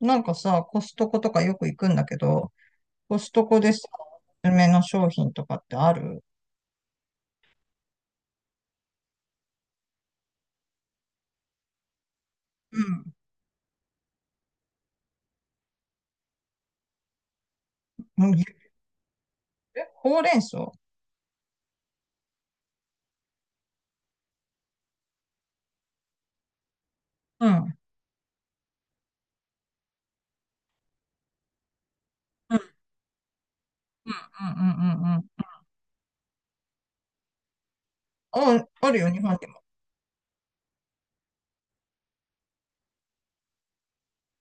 なんかさ、コストコとかよく行くんだけど、コストコでさ、おすすめの商品とかってある？うん。うん。え、ほうれん草？うん。うんうんうんうんうん。あ、あるよ、日本でも。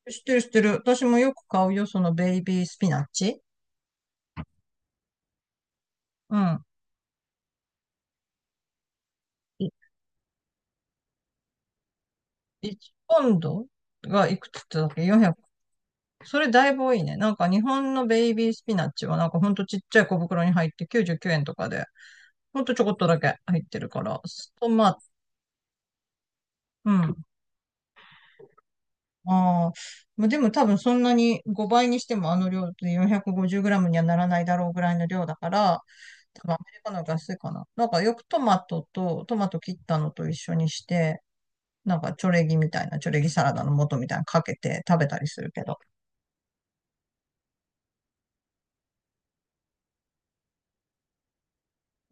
知ってる知ってる。私もよく買うよ、そのベイビースピナッチ。うん。い1ポンドがいくつだっけ？ 400。それだいぶ多いね。なんか日本のベイビースピナッチはなんかほんとちっちゃい小袋に入って99円とかで、ほんとちょこっとだけ入ってるから、トマト、うん。ああ、まあ、でも多分そんなに5倍にしてもあの量って 450g にはならないだろうぐらいの量だから、多分アメリカの方が安いかな。なんかよくトマトと、トマト切ったのと一緒にして、なんかチョレギみたいな、チョレギサラダの素みたいなのかけて食べたりするけど。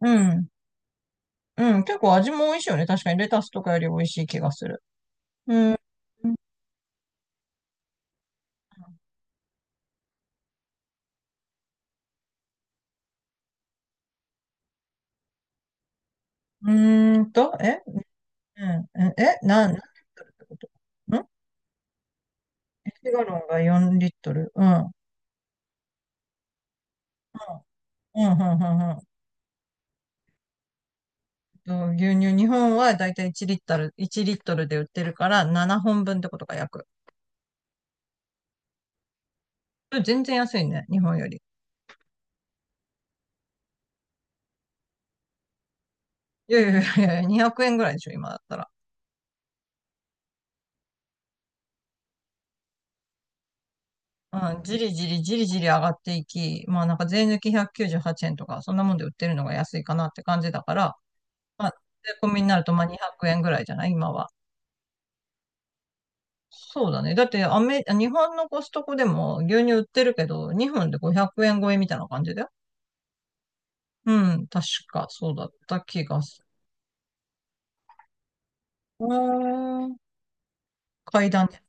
うん。うん。結構味も美味しいよね。確かにレタスとかより美味しい気がする。うん。ーんと、えうん。え、何リットルってこと？んエシガロンが4リットル。うん。うん、うん、うん、うん。牛乳、日本はだいたい1リットル、1リットルで売ってるから7本分ってことか、約。これ全然安いね、日本より。いやいやいやいや、200円ぐらいでしょ、今だったら。うん、じりじりじりじり上がっていき、まあなんか税抜き198円とか、そんなもんで売ってるのが安いかなって感じだから、まあ、税込みになるとまあ200円ぐらいじゃない今は。そうだね。だって日本のコストコでも牛乳売ってるけど、日本で500円超えみたいな感じだよ。うん、確かそうだった気がする。階段ね。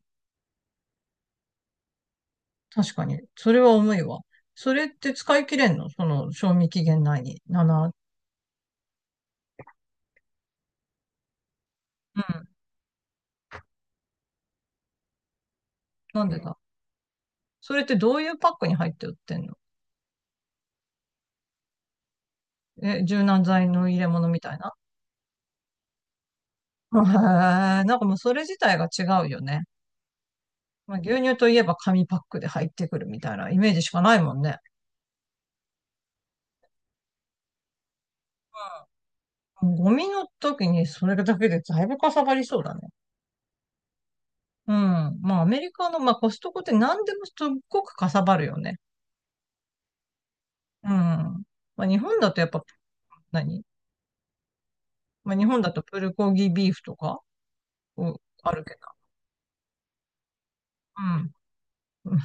確かに。それは重いわ。それって使い切れんの？賞味期限内に。うん。なんでだ。それってどういうパックに入って売ってんの？え、柔軟剤の入れ物みたいな？へえ、なんかもうそれ自体が違うよね。まあ、牛乳といえば紙パックで入ってくるみたいなイメージしかないもんね。ゴミの時にそれだけでだいぶかさばりそうだね。うん。まあアメリカの、まあ、コストコって何でもすっごくかさばるよね。うん。まあ、日本だとやっぱ何？まあ、日本だとプルコギビーフとか、うん、あるけど。うん。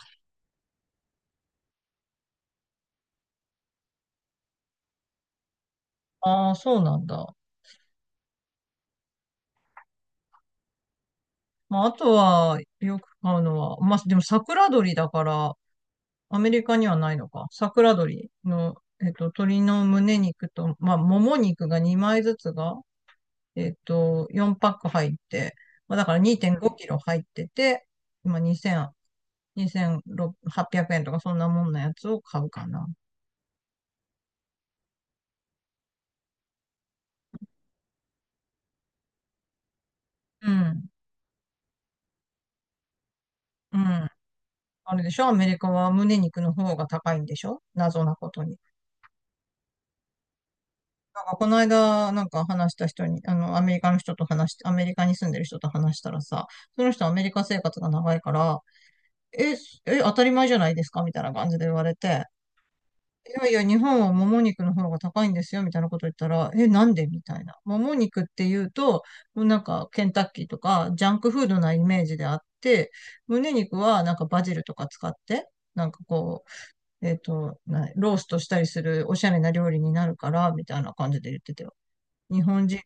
ああ、そうなんだ。まあ、あとは、よく買うのは、まあ、でも桜鶏だから、アメリカにはないのか。桜鶏の、鶏の胸肉と、まあ、もも肉が2枚ずつが、4パック入って、まあ、だから2.5キロ入ってて、今2000、2800円とかそんなもんのやつを買うかな。うん。うん。あれでしょ？アメリカは胸肉の方が高いんでしょ？謎なことに。なんかこの間、なんか話した人に、アメリカに住んでる人と話したらさ、その人はアメリカ生活が長いから、え、当たり前じゃないですかみたいな感じで言われて、いやいや、日本はもも肉の方が高いんですよ、みたいなこと言ったら、え、なんでみたいな。もも肉って言うと、もうなんか、ケンタッキーとか、ジャンクフードなイメージであって、胸肉はなんかバジルとか使って、なんかこえっと、なローストしたりするおしゃれな料理になるから、みたいな感じで言ってたよ。日本人、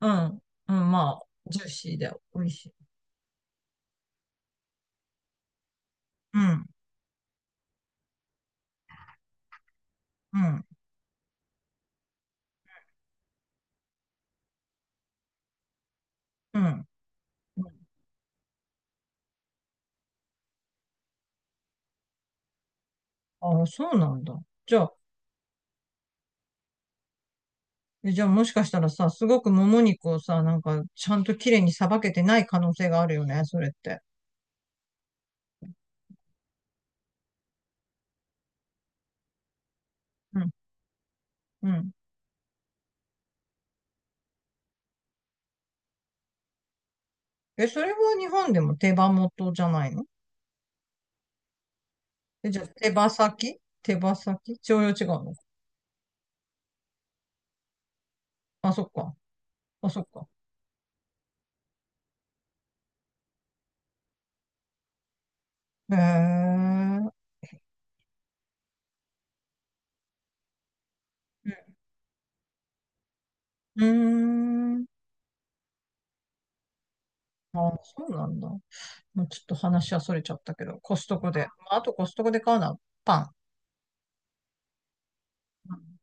うん、うん、まあ、ジューシーで美味しい。うん、うん、うん。ああ、そうなんだ。じゃあ、もしかしたらさ、すごくもも肉をさ、なんか、ちゃんと綺麗にさばけてない可能性があるよね、それって。うん、うん。え、それは日本でも手羽元じゃないの？え、じゃあ手羽先手羽先調用違うの？あ、そっか。あ、そっか。へえ。うーん。そうなんだ。もうちょっと話はそれちゃったけど、コストコで。まあ、あとコストコで買うのはパン。うん。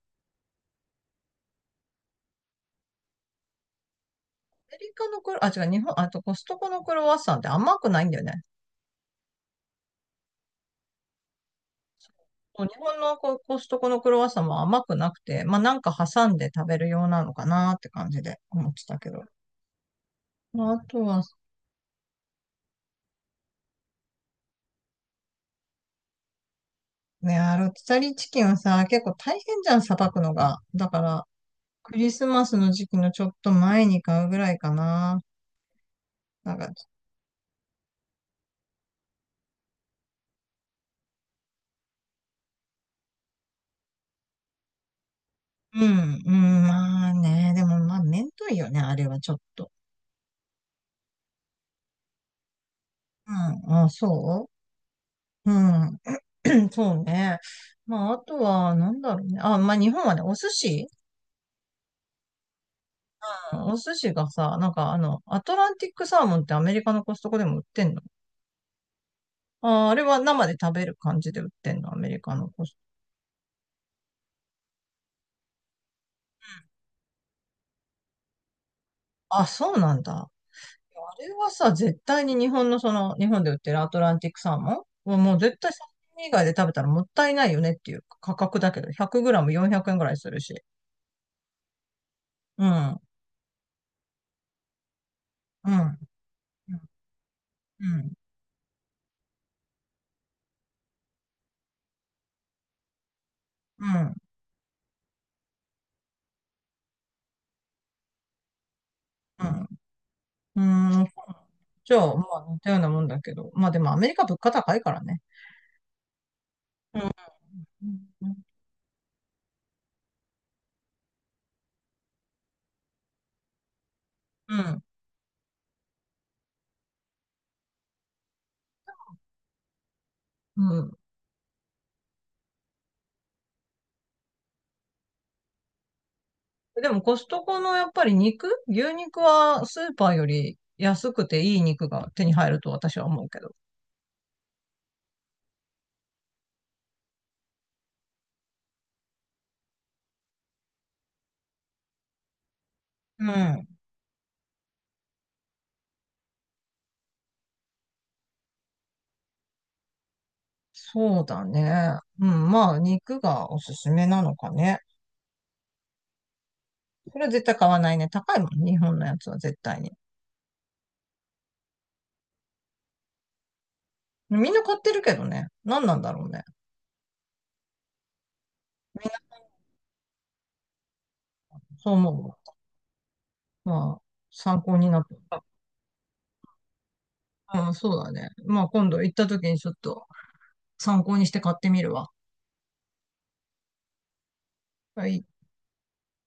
アメリカのクロ、あ、違う、日本、あとコストコのクロワッサンって甘くないんだよね。そう日本のコストコのクロワッサンも甘くなくて、まあなんか挟んで食べるようなのかなって感じで思ってたけど。まあ、あとは、ね、あロティサリーチキンはさ、結構大変じゃん、さばくのが。だから、クリスマスの時期のちょっと前に買うぐらいかな。なんか、うん、うん、まあね、でもまあ、めんどいよね、あれはちょっと。うん、あ、そう。うん、そうね。まあ、あとは、なんだろうね。あ、まあ、日本はね、お寿司、うん、お寿司がさ、なんかアトランティックサーモンってアメリカのコストコでも売ってんの？あ、あれは生で食べる感じで売ってんの、アメリカのコストコ？あ、そうなんだ。あれはさ、絶対に日本のその、日本で売ってるアトランティックサーモンはもう絶対サーモン以外で食べたらもったいないよねっていう価格だけど、100グラム400円ぐらいするし。うん、うん、うん、うん、うん、うん。うん。じゃあ、まあ似たようなもんだけど。まあでもアメリカ物価高いからね。うん、うん、うん。でもコストコのやっぱり肉、牛肉はスーパーより安くていい肉が手に入ると私は思うけど。うん。そうだね。うん、まあ、肉がおすすめなのかね。それは絶対買わないね。高いもんね、日本のやつは絶対に。みんな買ってるけどね。何なんだろうね。みんなそう思うわ。まあ、参考になった。うん、そうだね。まあ、今度行った時にちょっと参考にして買ってみるわ。はい。